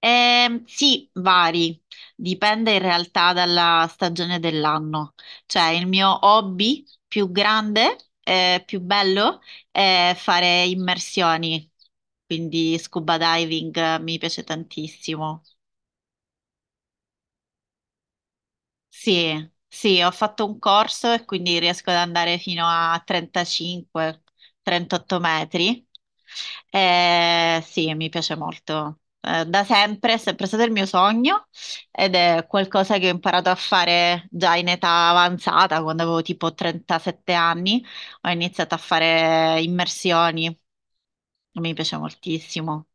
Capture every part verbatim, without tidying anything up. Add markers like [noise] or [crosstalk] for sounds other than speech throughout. Ehm, sì, vari, dipende in realtà dalla stagione dell'anno. Cioè, il mio hobby più grande, eh, più bello, è fare immersioni, quindi scuba diving, eh, mi piace tantissimo. Sì, sì, ho fatto un corso e quindi riesco ad andare fino a trentacinque trentotto metri. Eh, sì, mi piace molto. Eh, da sempre, è sempre stato il mio sogno ed è qualcosa che ho imparato a fare già in età avanzata, quando avevo tipo trentasette anni, ho iniziato a fare immersioni. Mi piace moltissimo.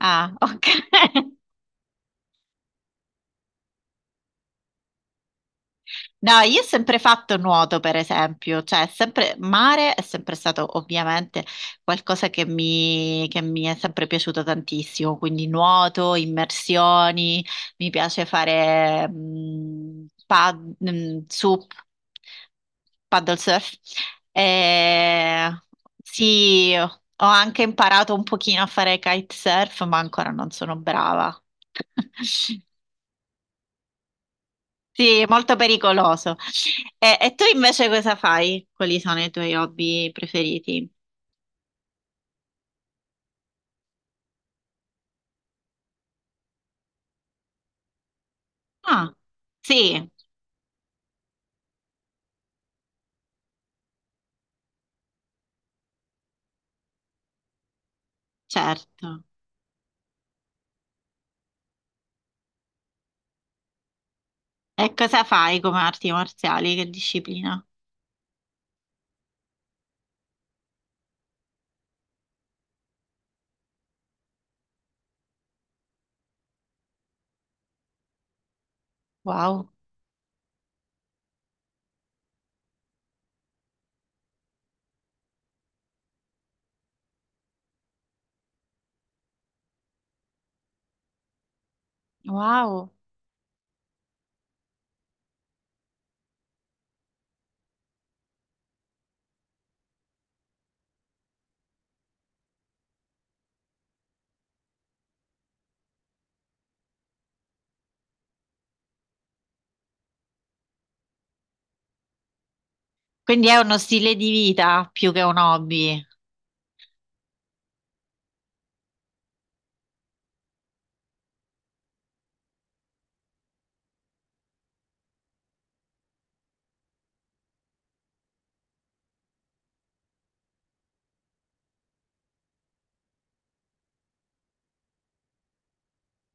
Ah, ok. [laughs] No, io ho sempre fatto nuoto, per esempio, cioè sempre mare è sempre stato ovviamente qualcosa che mi, che mi è sempre piaciuto tantissimo, quindi nuoto, immersioni, mi piace fare mh, pad, mh, su paddle surf. Eh, sì, ho anche imparato un pochino a fare kitesurf, ma ancora non sono brava. [laughs] Sì, è molto pericoloso. E, e tu invece cosa fai? Quali sono i tuoi hobby preferiti? Ah, sì, certo. E cosa fai come arti marziali? Che disciplina? Wow, wow. Quindi è uno stile di vita più che un hobby.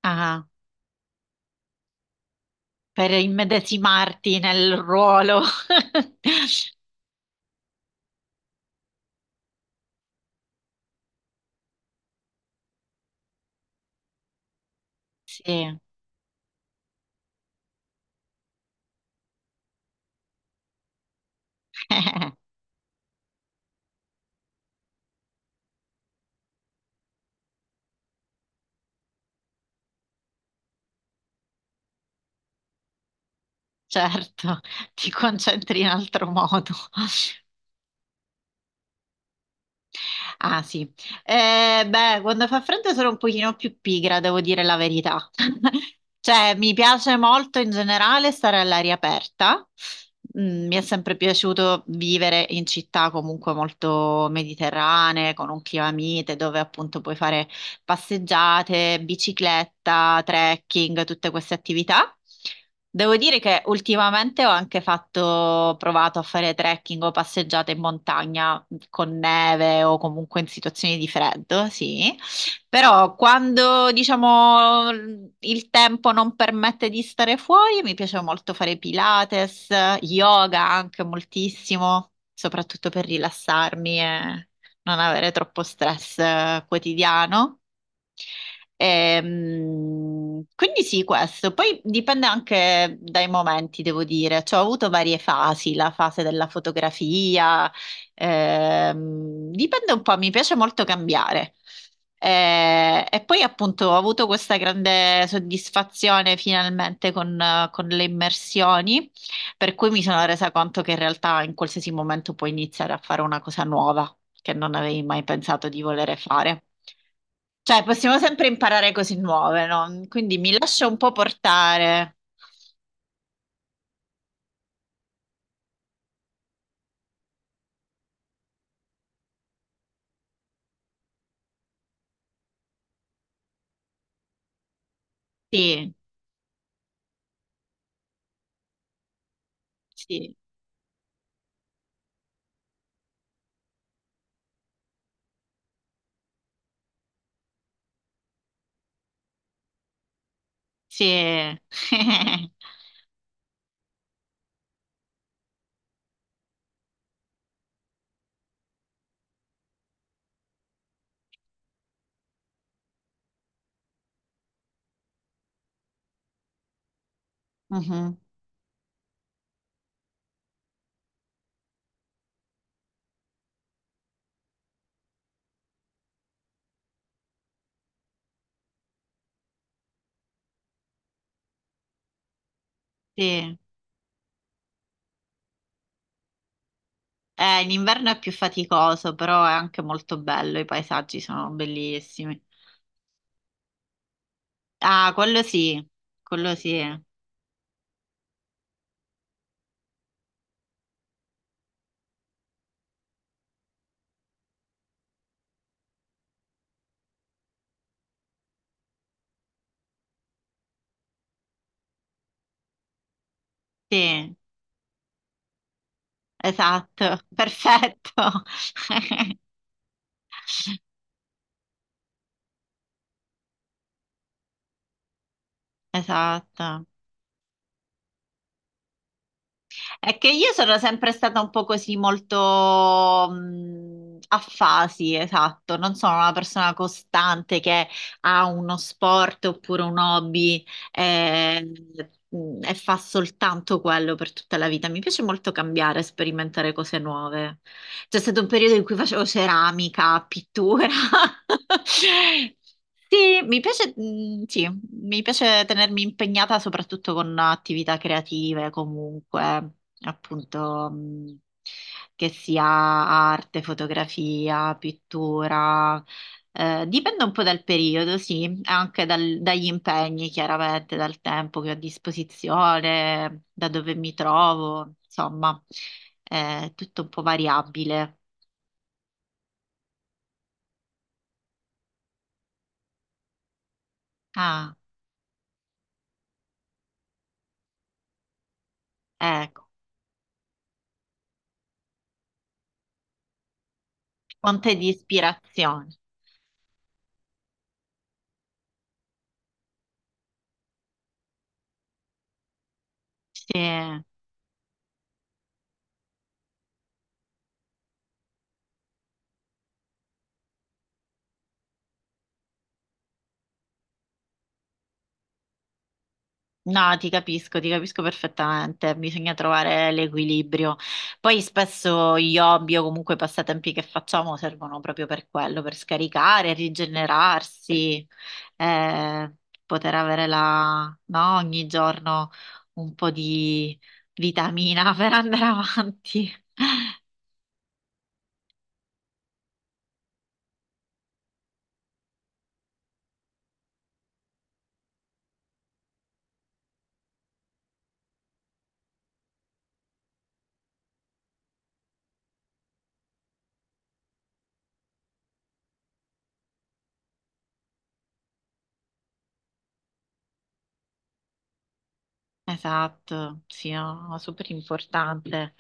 Ah, per immedesimarti nel ruolo. [laughs] Sì, [laughs] certo, ti concentri in altro modo. Ah, sì. Eh, beh, quando fa freddo sono un pochino più pigra, devo dire la verità. [laughs] Cioè, mi piace molto in generale stare all'aria aperta. Mm, mi è sempre piaciuto vivere in città comunque molto mediterranee, con un clima mite, dove appunto puoi fare passeggiate, bicicletta, trekking, tutte queste attività. Devo dire che ultimamente ho anche fatto, provato a fare trekking o passeggiate in montagna con neve o comunque in situazioni di freddo, sì. Però quando, diciamo, il tempo non permette di stare fuori, mi piace molto fare Pilates, yoga anche moltissimo, soprattutto per rilassarmi e non avere troppo stress eh, quotidiano. Ehm, quindi sì, questo. Poi dipende anche dai momenti, devo dire. Cioè, ho avuto varie fasi, la fase della fotografia. Ehm, dipende un po', mi piace molto cambiare. Eh, e poi appunto ho avuto questa grande soddisfazione finalmente con, eh, con le immersioni, per cui mi sono resa conto che in realtà in qualsiasi momento puoi iniziare a fare una cosa nuova che non avevi mai pensato di volere fare. Cioè, possiamo sempre imparare cose nuove, no? Quindi mi lascio un po' portare. Sì, sì, sì. [laughs] Mhm, sì. Eh, in inverno è più faticoso, però è anche molto bello, i paesaggi sono bellissimi. Ah, quello sì, quello sì. Sì, esatto, [laughs] perfetto. [laughs] Esatto. È che io sono sempre stata un po' così molto mh, a fasi, esatto, non sono una persona costante che ha uno sport oppure un hobby, eh, mh, e fa soltanto quello per tutta la vita. Mi piace molto cambiare, sperimentare cose nuove. C'è stato un periodo in cui facevo ceramica, pittura. [laughs] Sì, mi piace, mm, sì, mi piace tenermi impegnata soprattutto con attività creative. Comunque appunto, mh, che sia arte, fotografia, pittura, eh, dipende un po' dal periodo, sì, anche dal- dagli impegni, chiaramente, dal tempo che ho a disposizione, da dove mi trovo, insomma, è tutto un po' variabile. Ah, ecco, fonte di ispirazione. Sì. No, ti capisco, ti capisco perfettamente, bisogna trovare l'equilibrio. Poi spesso gli hobby o comunque i passatempi che facciamo servono proprio per quello, per scaricare, rigenerarsi, eh, poter avere la, no, ogni giorno un po' di vitamina [laughs] per andare avanti. Esatto, sì, no, no, super importante.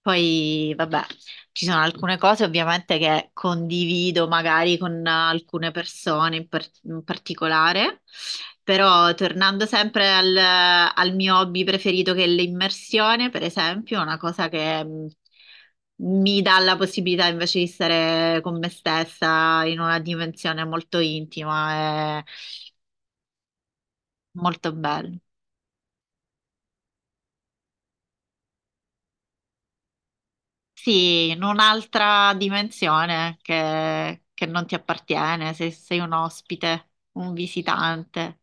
Poi, vabbè, ci sono alcune cose ovviamente che condivido magari con alcune persone in, par- in particolare, però tornando sempre al, al mio hobby preferito che è l'immersione, per esempio, è una cosa che mh, mi dà la possibilità invece di stare con me stessa in una dimensione molto intima e molto bella. Sì, in un'altra dimensione che, che non ti appartiene, se sei un ospite, un visitante.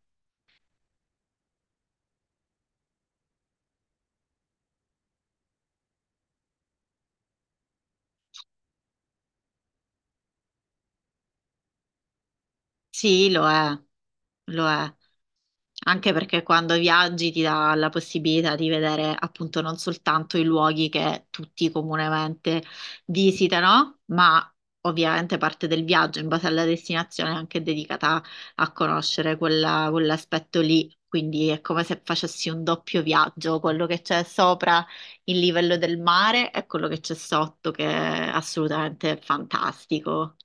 Sì, lo è, lo è. Anche perché quando viaggi ti dà la possibilità di vedere appunto non soltanto i luoghi che tutti comunemente visitano, ma ovviamente parte del viaggio in base alla destinazione è anche dedicata a conoscere quella- quell'aspetto lì. Quindi è come se facessi un doppio viaggio, quello che c'è sopra il livello del mare e quello che c'è sotto, che è assolutamente fantastico.